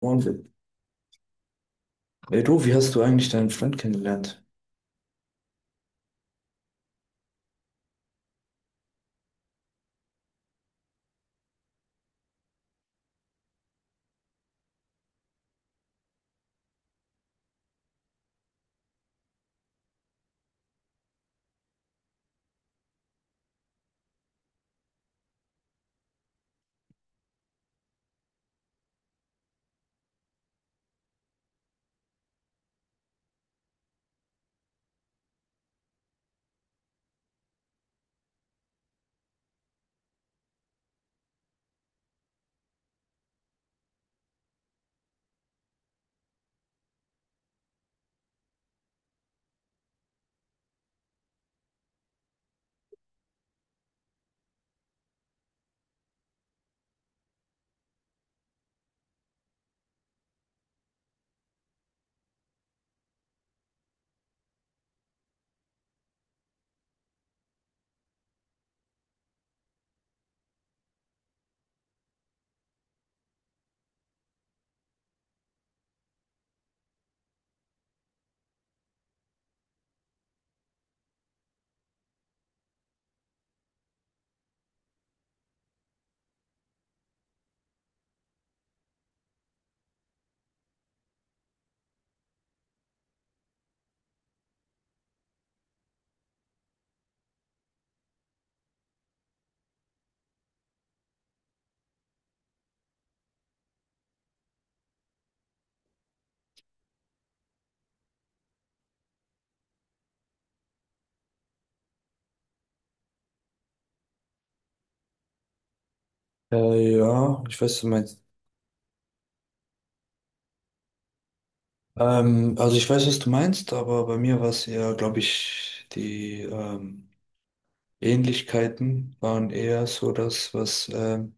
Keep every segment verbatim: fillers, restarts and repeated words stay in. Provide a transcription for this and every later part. Und, ey du, wie hast du eigentlich deinen Freund kennengelernt? Äh, ja, ich weiß, was du meinst. Ähm, also ich weiß, was du meinst, aber bei mir war es eher, glaube ich, die ähm, Ähnlichkeiten waren eher so das, was ähm,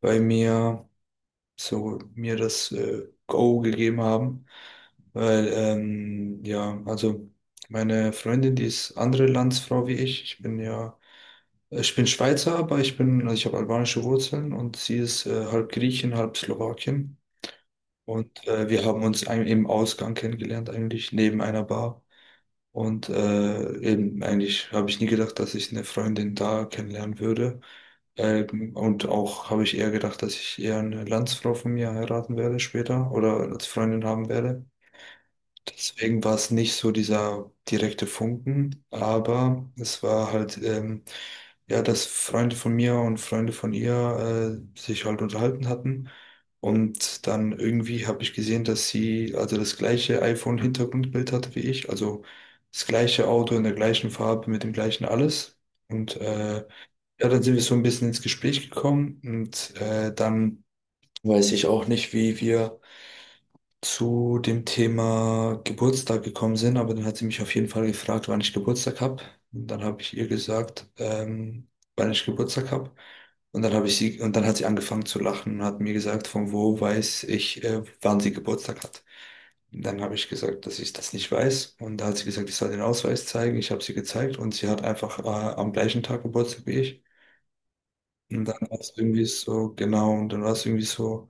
bei mir so mir das äh, Go gegeben haben. Weil, ähm, ja, also meine Freundin, die ist andere Landsfrau wie ich. Ich bin ja, ich bin Schweizer, aber ich bin, also ich habe albanische Wurzeln und sie ist äh, halb Griechin, halb Slowakin. Und äh, wir haben uns ein- im Ausgang kennengelernt, eigentlich neben einer Bar. Und äh, eben eigentlich habe ich nie gedacht, dass ich eine Freundin da kennenlernen würde. Ähm, und auch habe ich eher gedacht, dass ich eher eine Landsfrau von mir heiraten werde später oder als Freundin haben werde. Deswegen war es nicht so dieser direkte Funken, aber es war halt, ähm, ja, dass Freunde von mir und Freunde von ihr äh, sich halt unterhalten hatten. Und dann irgendwie habe ich gesehen, dass sie also das gleiche iPhone-Hintergrundbild hatte wie ich, also das gleiche Auto in der gleichen Farbe mit dem gleichen alles. Und äh, ja, dann sind wir so ein bisschen ins Gespräch gekommen und äh, dann weiß ich auch nicht, wie wir zu dem Thema Geburtstag gekommen sind, aber dann hat sie mich auf jeden Fall gefragt, wann ich Geburtstag habe. Und dann habe ich ihr gesagt, ähm, wann ich Geburtstag habe. Und dann habe ich sie, und dann hat sie angefangen zu lachen und hat mir gesagt, von wo weiß ich, äh, wann sie Geburtstag hat. Dann habe ich gesagt, dass ich das nicht weiß. Und da hat sie gesagt, ich soll den Ausweis zeigen. Ich habe sie gezeigt und sie hat einfach äh, am gleichen Tag Geburtstag wie ich. Und dann war es irgendwie so, genau, und dann war es irgendwie so,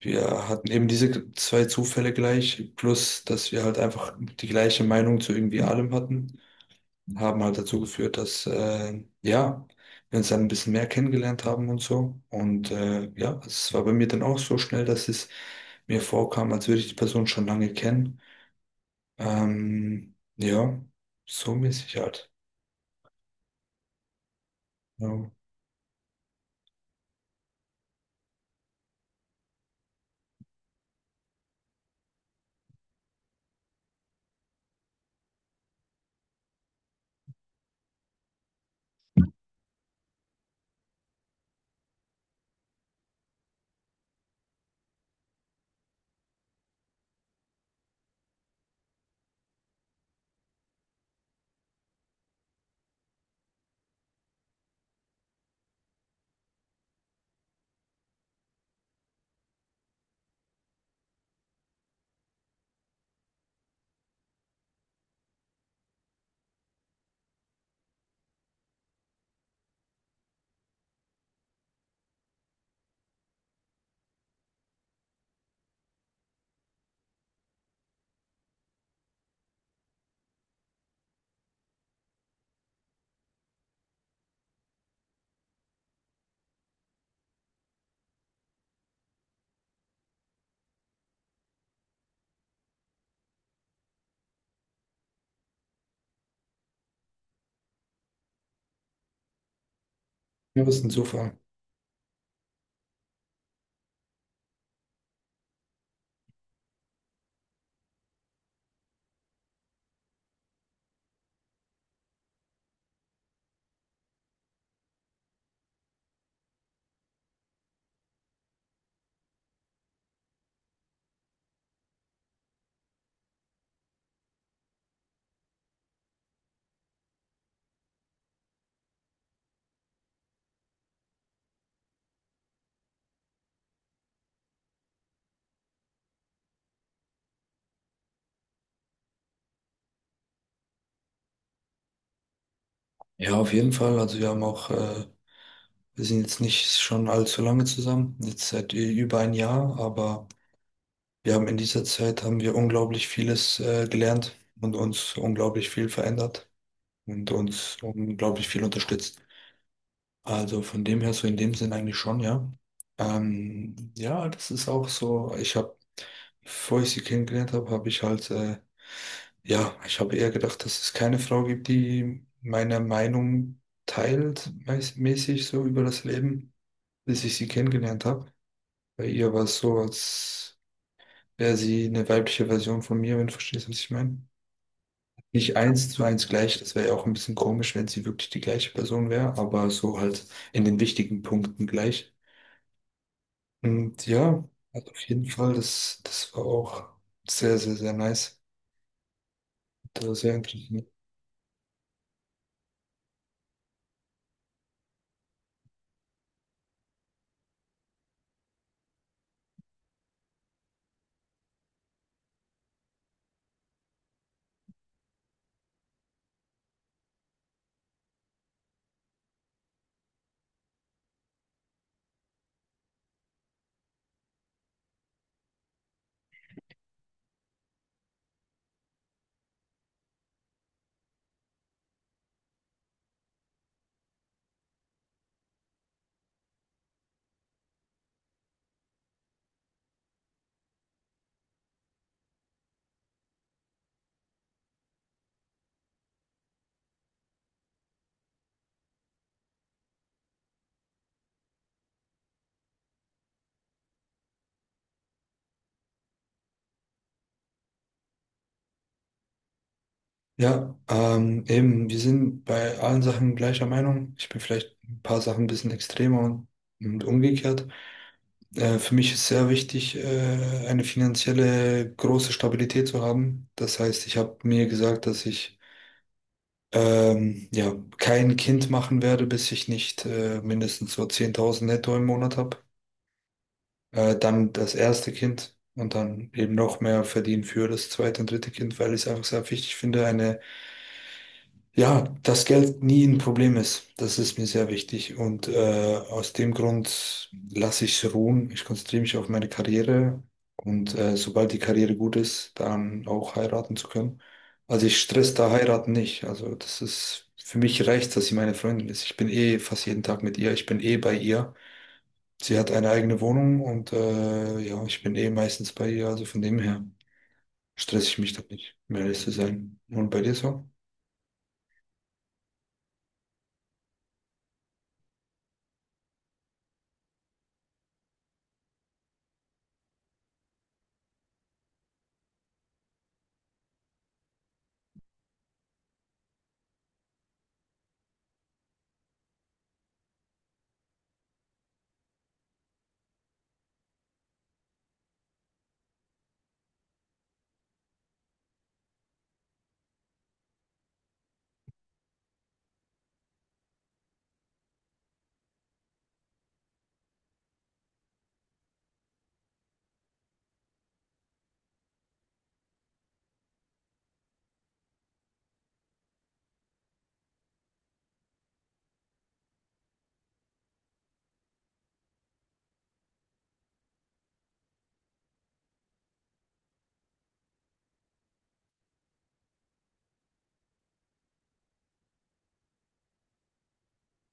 wir hatten eben diese zwei Zufälle gleich, plus dass wir halt einfach die gleiche Meinung zu irgendwie allem hatten, haben halt dazu geführt, dass äh, ja, wir uns dann ein bisschen mehr kennengelernt haben und so. Und äh, ja, es war bei mir dann auch so schnell, dass es mir vorkam, als würde ich die Person schon lange kennen. Ähm, ja, so mäßig halt. Ja, ja, was ein Zufall. Ja, auf jeden Fall. Also wir haben auch, äh, wir sind jetzt nicht schon allzu lange zusammen, jetzt seit ü- über ein Jahr, aber Wir haben in dieser Zeit haben wir unglaublich vieles äh, gelernt und uns unglaublich viel verändert und uns unglaublich viel unterstützt. Also von dem her, so in dem Sinn eigentlich schon, ja. Ähm, ja, das ist auch so. Ich habe, bevor ich sie kennengelernt habe, habe ich halt, äh, ja, ich habe eher gedacht, dass es keine Frau gibt, die meine Meinung teilt, meist- mäßig so über das Leben, bis ich sie kennengelernt habe. Bei ihr war es so, als wäre sie eine weibliche Version von mir, wenn du verstehst, was ich meine. Nicht eins zu eins gleich, das wäre ja auch ein bisschen komisch, wenn sie wirklich die gleiche Person wäre, aber so halt in den wichtigen Punkten gleich. Und ja, also auf jeden Fall, das, das war auch sehr, sehr, sehr nice. Das war sehr interessant. Ja, ähm, eben, wir sind bei allen Sachen gleicher Meinung. Ich bin vielleicht ein paar Sachen ein bisschen extremer und, und umgekehrt. Äh, für mich ist sehr wichtig, äh, eine finanzielle große Stabilität zu haben. Das heißt, ich habe mir gesagt, dass ich ähm, ja, kein Kind machen werde, bis ich nicht äh, mindestens so zehntausend netto im Monat habe. Äh, dann das erste Kind und dann eben noch mehr verdienen für das zweite und dritte Kind, weil ich es einfach sehr wichtig finde, eine ja, dass Geld nie ein Problem ist, das ist mir sehr wichtig und äh, aus dem Grund lasse ich es ruhen. Ich konzentriere mich auf meine Karriere und äh, sobald die Karriere gut ist, dann auch heiraten zu können. Also ich stress da heiraten nicht. Also das ist für mich reicht, dass sie meine Freundin ist. Ich bin eh fast jeden Tag mit ihr. Ich bin eh bei ihr. Sie hat eine eigene Wohnung und äh, ja, ich bin eh meistens bei ihr. Also von dem her stress ich mich da nicht, um ehrlich zu sein. Und bei dir so?